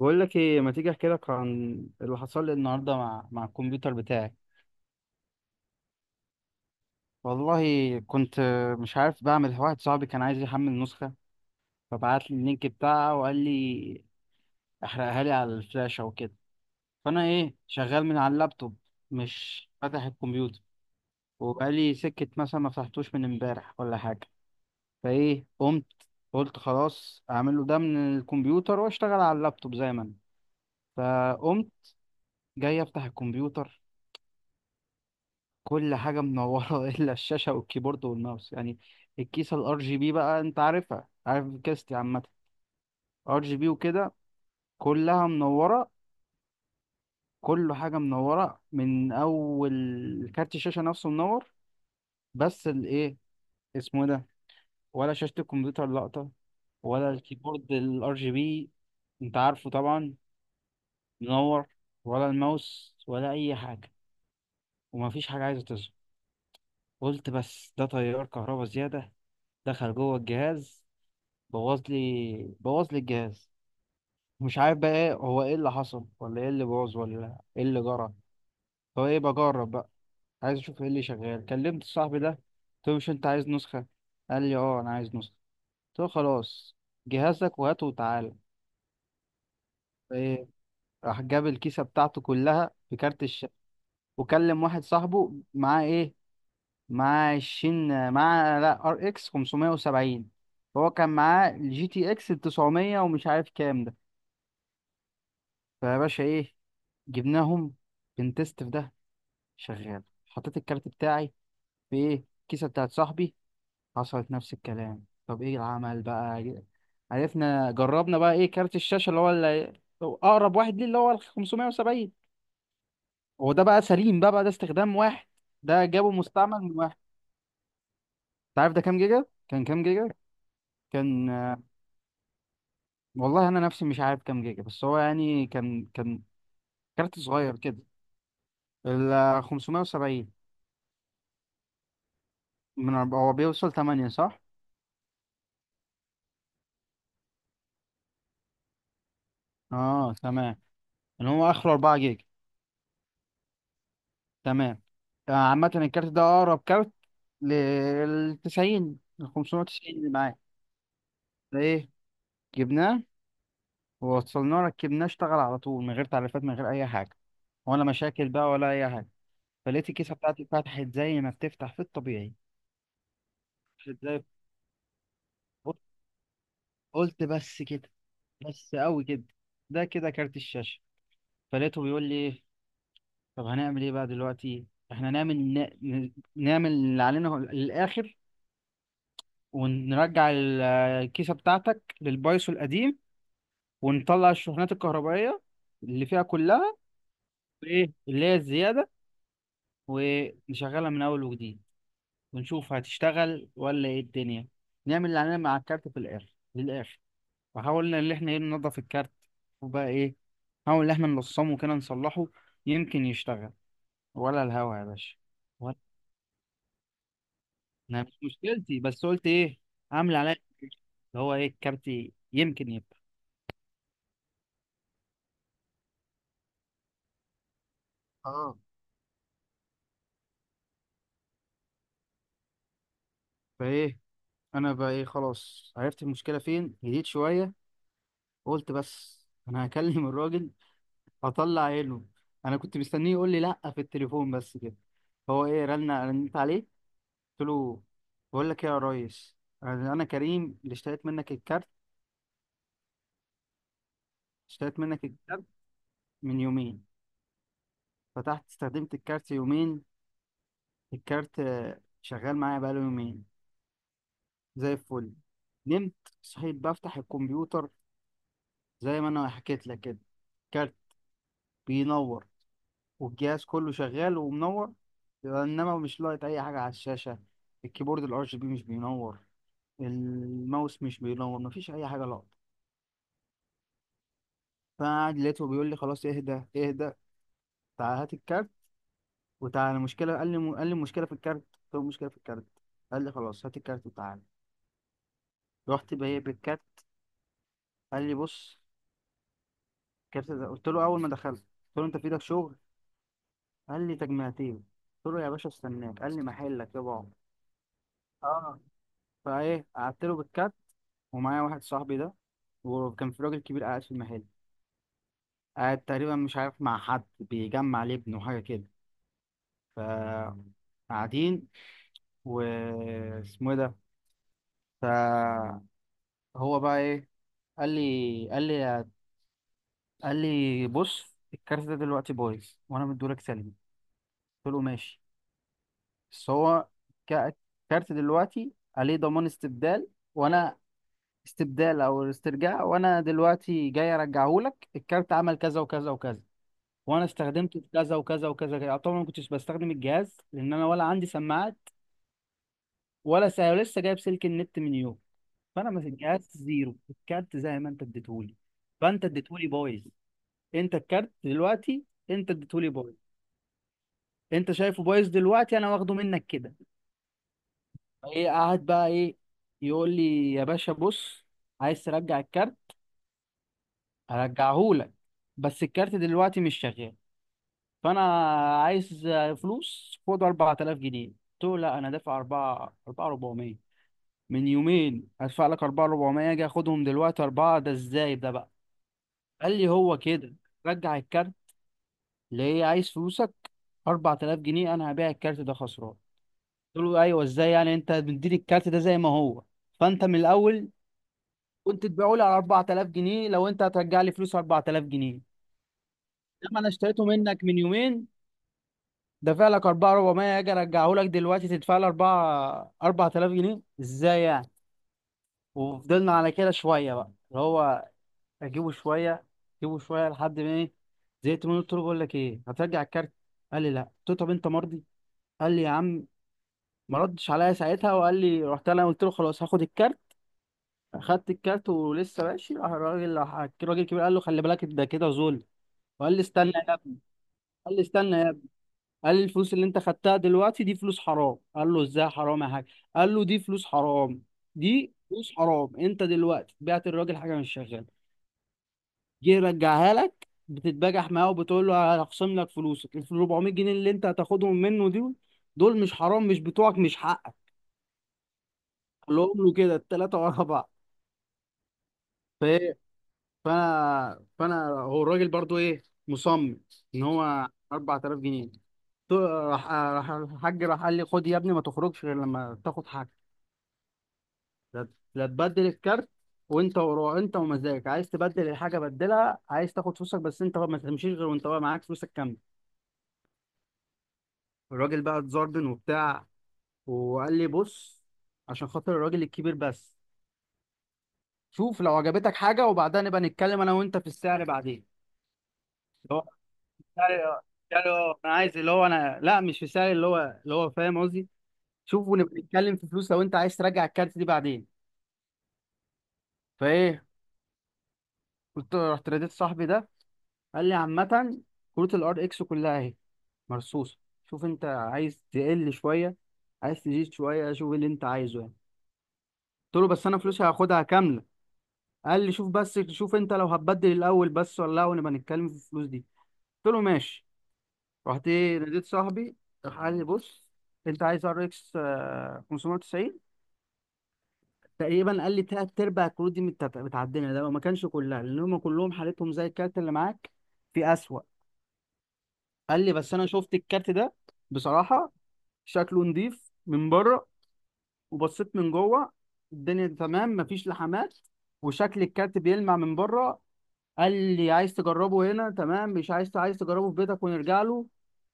بقول لك ايه؟ ما تيجي احكي لك عن اللي حصل لي النهارده مع الكمبيوتر بتاعي. والله كنت مش عارف بعمل، واحد صاحبي كان عايز يحمل نسخه فبعت لي اللينك بتاعها وقال لي احرقها لي على الفلاشه وكده. فانا ايه، شغال من على اللابتوب، مش فاتح الكمبيوتر، وبقالي سكه مثلا ما فتحتوش من امبارح ولا حاجه. فايه، قمت قلت خلاص اعمله ده من الكمبيوتر واشتغل على اللابتوب زي ما انا. فقمت جاي افتح الكمبيوتر، كل حاجة منورة إلا الشاشة والكيبورد والماوس يعني. الكيسة الار جي بي بقى، أنت عارفها، عارف كيستي عامة ار جي بي وكده، كلها منورة. كل حاجة منورة، من أول كارت الشاشة نفسه منور، بس الإيه، اسمه إيه ده، ولا شاشة الكمبيوتر لقطة، ولا الكيبورد الار جي بي، أنت عارفه طبعا، منور، ولا الماوس ولا أي حاجة، ومفيش حاجة عايزة تظهر. قلت بس ده تيار كهربا زيادة دخل جوه الجهاز، بوظ لي بوظ لي الجهاز. مش عارف بقى ايه هو، ايه اللي حصل ولا ايه اللي بوظ ولا ايه اللي جرى. هو ايه، بجرب بقى، عايز اشوف ايه اللي شغال. كلمت صاحبي ده قلت له مش انت عايز نسخة؟ قال لي اه انا عايز نسخة. قلت له خلاص، جهازك وهاته وتعالى. ايه، راح جاب الكيسة بتاعته كلها في كارت الشاشة، وكلم واحد صاحبه معاه ايه، معاه عشرين، معاه لا ار اكس 570. هو كان معاه الجي تي اكس 900 ومش عارف كام ده. فيا باشا ايه، جبناهم، بنتست في ده، شغال. حطيت الكارت بتاعي في ايه، الكيسه بتاعت صاحبي، حصلت نفس الكلام. طب ايه العمل بقى؟ عرفنا، جربنا بقى ايه، كارت الشاشه اللي هو اقرب واحد ليه، اللي هو ال 570. هو ده بقى سليم، بقى ده استخدام واحد، ده جابه مستعمل من واحد. انت عارف ده كام جيجا؟ كان كام جيجا؟ كان آه، والله انا نفسي مش عارف كام جيجا، بس هو يعني كان كارت صغير كده، ال 570. هو بيوصل 8 صح. اه تمام، اللي هو اخره 4 جيجا. تمام. آه، عامة الكارت ده اقرب كارت لل 90 ل 590 اللي معاك. فايه، جبناه ووصلناه ركبناه، اشتغل على طول من غير تعريفات من غير اي حاجة، ولا مشاكل بقى ولا اي حاجة. فلقيت الكيسة بتاعتي اتفتحت زي ما بتفتح في الطبيعي، فتحت زي. بص- قلت بس كده، بس قوي كده، ده كده كارت الشاشة. فلقيته بيقول لي إيه، طب هنعمل ايه بقى دلوقتي؟ احنا نعمل نعمل اللي علينا للاخر، ونرجع الكيسة بتاعتك للبايثون القديم، ونطلع الشحنات الكهربائية اللي فيها كلها، وايه اللي هي الزيادة، ونشغلها من أول وجديد، ونشوف هتشتغل ولا ايه الدنيا. نعمل اللي علينا مع الكارت في الآخر للآخر. فحاولنا إن احنا ايه، ننضف الكارت، وبقى ايه، نحاول إن احنا نلصمه كده نصلحه، يمكن يشتغل ولا الهوا يا باشا. ولا أنا مش مشكلتي، بس قلت ايه، عامل عليا اللي هو ايه، الكارت يمكن يبقى، اه. فايه، انا بقى ايه، خلاص عرفت المشكله فين، هديت شويه. قلت بس انا هكلم الراجل، هطلع عينه. انا كنت مستنيه يقول لي لا في التليفون بس كده. هو ايه، رنيت عليه. قلت له بقول لك ايه يا ريس، انا كريم اللي اشتريت منك الكارت، اشتريت منك الكارت من يومين. فتحت استخدمت الكارت يومين، الكارت آه، شغال معايا بقاله يومين زي الفل. نمت، صحيت بفتح الكمبيوتر زي ما انا حكيت لك كده، كارت بينور والجهاز كله شغال ومنور، انما مش لاقط اي حاجه على الشاشه، الكيبورد الار جي بي مش بينور، الماوس مش بينور، مفيش اي حاجه لاقطه. فانا قاعد لقيته بيقول لي خلاص اهدى اهدى، تعال هات الكارت وتعالى. المشكله، قال لي المشكله في الكارت، قلت له المشكله في الكارت. قال لي خلاص هات الكارت وتعالى. رحت بجيب الكارت. قال لي بص الكارت ده. قلت له اول ما دخلت قلت له انت في ايدك شغل؟ قال لي تجميعتين. قلت له يا باشا استناك، قال لي محلك يا بابا. اه، فايه، قعدت له بالكارت، ومعايا واحد صاحبي ده، وكان في راجل كبير قاعد في المحل، قاعد تقريبا مش عارف مع حد بيجمع لابنه حاجة كده. ف، قاعدين، و، اسمه إيه ده، فهو بقى ايه، قال لي قال لي بص الكارت ده دلوقتي بايظ وانا مديهولك سلبي. قلت له ماشي بس هو ك- الكارت دلوقتي عليه ضمان استبدال، وانا استبدال او استرجاع، وانا دلوقتي جاي ارجعهولك الكارت، عمل كذا وكذا وكذا، وانا استخدمته في كذا وكذا وكذا كده، طبعا ما كنتش بستخدم الجهاز لان انا ولا عندي سماعات ولا لسه جايب سلك النت من يوم. فانا ماسك الجهاز زيرو، الكارت زي ما انت اديتهولي. فانت اديتهولي بايظ، انت الكارت دلوقتي انت اديتهولي بايظ، انت شايفه بايظ دلوقتي، انا واخده منك كده. ايه، قاعد بقى ايه، يقول لي يا باشا بص، عايز ترجع الكارت هرجعهولك، بس الكارت دلوقتي مش شغال، فانا عايز فلوس، خد 4000 جنيه. قلت له لا، انا دافع 4 4400، من يومين هدفع لك 4400 اجي اخدهم دلوقتي 4، ده ازاي ده بقى؟ قال لي هو كده، رجع الكارت ليه؟ عايز فلوسك؟ 4000 جنيه، انا هبيع الكارت ده خسران. قلت له ايوه ازاي يعني؟ انت بتديني الكارت ده زي ما هو، فانت من الاول كنت تبيعه لي على 4000 جنيه، لو انت هترجع لي فلوس 4000 جنيه لما انا اشتريته منك من يومين دافع لك 4400، اجي ارجعه لك دلوقتي تدفع لي 4 4000 جنيه، ازاي يعني؟ وفضلنا على كده شويه، بقى اللي هو اجيبه شويه، اجيبه شويه، لحد ما ايه، زهقت منه. قلت له بقول لك ايه، هترجع الكارت؟ قال لي لا. قلت له طب انت مرضي؟ قال لي يا عم، ما ردش عليا ساعتها، وقال لي، رحت انا قلت له خلاص هاخد الكارت. اخدت الكارت ولسه ماشي، راح الراجل راح الراجل الكبير قال له خلي بالك، ده كده ظلم. وقال لي استنى يا ابني، قال لي استنى، قال لي الفلوس اللي انت خدتها دلوقتي دي فلوس حرام. قال له ازاي حرام يا حاج؟ قال له دي فلوس حرام، دي فلوس حرام، انت دلوقتي بعت الراجل حاجه مش شغاله، جه يرجعها لك بتتبجح معاه وبتقول له هخصم لك فلوسك، ال 400 جنيه اللي انت هتاخدهم منه دول، دول مش حرام؟ مش بتوعك، مش حقك. قال له كده التلاته ورا بعض. فايه، فانا هو الراجل برضو ايه، مصمم ان هو 4000 جنيه. راح الحاج، راح قال لي خد يا ابني، ما تخرجش غير لما تاخد حاجه. لا، لا تبدل الكارت وانت ورا، انت ومزاجك عايز تبدل الحاجه بدلها، عايز تاخد فلوسك بس انت ما تمشيش غير وانت بقى معاك فلوسك كامله. الراجل بقى اتزربن وبتاع، وقال لي بص، عشان خاطر الراجل الكبير بس، شوف لو عجبتك حاجه، وبعدها نبقى نتكلم انا وانت في السعر بعدين. اللي هو السعر، السعر اللي هو انا عايز، اللي هو انا لا، مش في السعر اللي هو، فاهم قصدي، شوف، ونبقى نتكلم في فلوس لو انت عايز ترجع الكارت دي بعدين. فايه، رحت ناديت صاحبي ده، قال لي عامه كروت الار اكس كلها اهي مرصوصة، شوف انت عايز تقل شوية، عايز تزيد شوية، شوف اللي انت عايزه يعني. قلت له بس انا فلوسي هاخدها كاملة. قال لي شوف بس، شوف انت لو هتبدل الاول بس ولا لا، ونبقى نتكلم في الفلوس دي. قلت له ماشي. رحت ايه، ناديت صاحبي، راح قال لي بص، انت عايز ار اكس 590 تقريبا، قال لي تلات ارباع الكروت دي متعدمه، ده ما كانش كلها، لان هم كلهم حالتهم زي الكارت اللي معاك في اسوأ. قال لي بس انا شفت الكارت ده بصراحة، شكله نضيف من بره، وبصيت من جوه الدنيا تمام، مفيش لحمات، وشكل الكارت بيلمع من بره. قال لي عايز تجربه هنا تمام، مش عايز، عايز تجربه في بيتك ونرجع له؟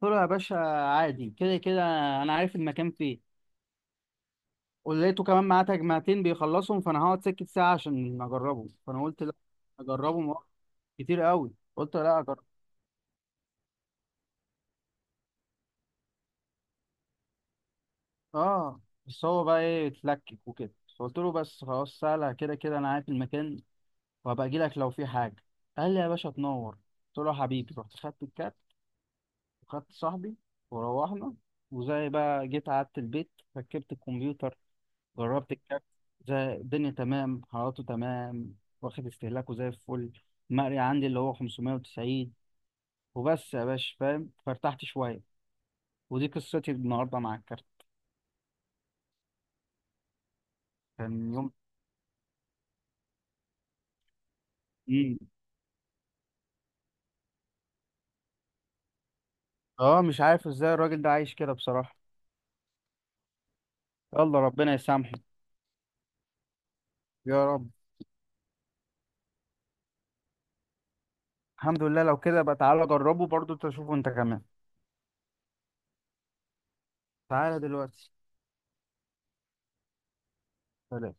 قلت له يا باشا عادي كده كده، انا عارف المكان فين. ولقيته كمان معاه تجمعتين بيخلصهم، فانا هقعد سكت ساعه عشان اجربه، فانا قلت لا اجربه مرة. كتير قوي، قلت لا اجرب. اه، بس هو بقى ايه اتلكك وكده. فقلت له بس خلاص، سهله كده كده، انا عارف المكان وهبقى اجي لك لو في حاجه. قال لي يا باشا تنور. قلت له حبيبي، رحت خدت الكات وخدت صاحبي وروحنا، وزي بقى جيت قعدت البيت، ركبت الكمبيوتر، جربت الكات، زي الدنيا تمام، حرارته تمام، واخد استهلاكه زي الفل، المقري عندي اللي هو 590، وبس يا باشا فاهم، فارتحت شويه، ودي قصتي النهارده مع الكارت، كان يوم. مم. اه، مش عارف ازاي الراجل ده عايش كده بصراحه. يلا ربنا يسامحه، يا رب. الحمد لله، لو كده بقى تعالى جربه برضو، تشوفه انت كمان. تعالى دلوقتي، سلام.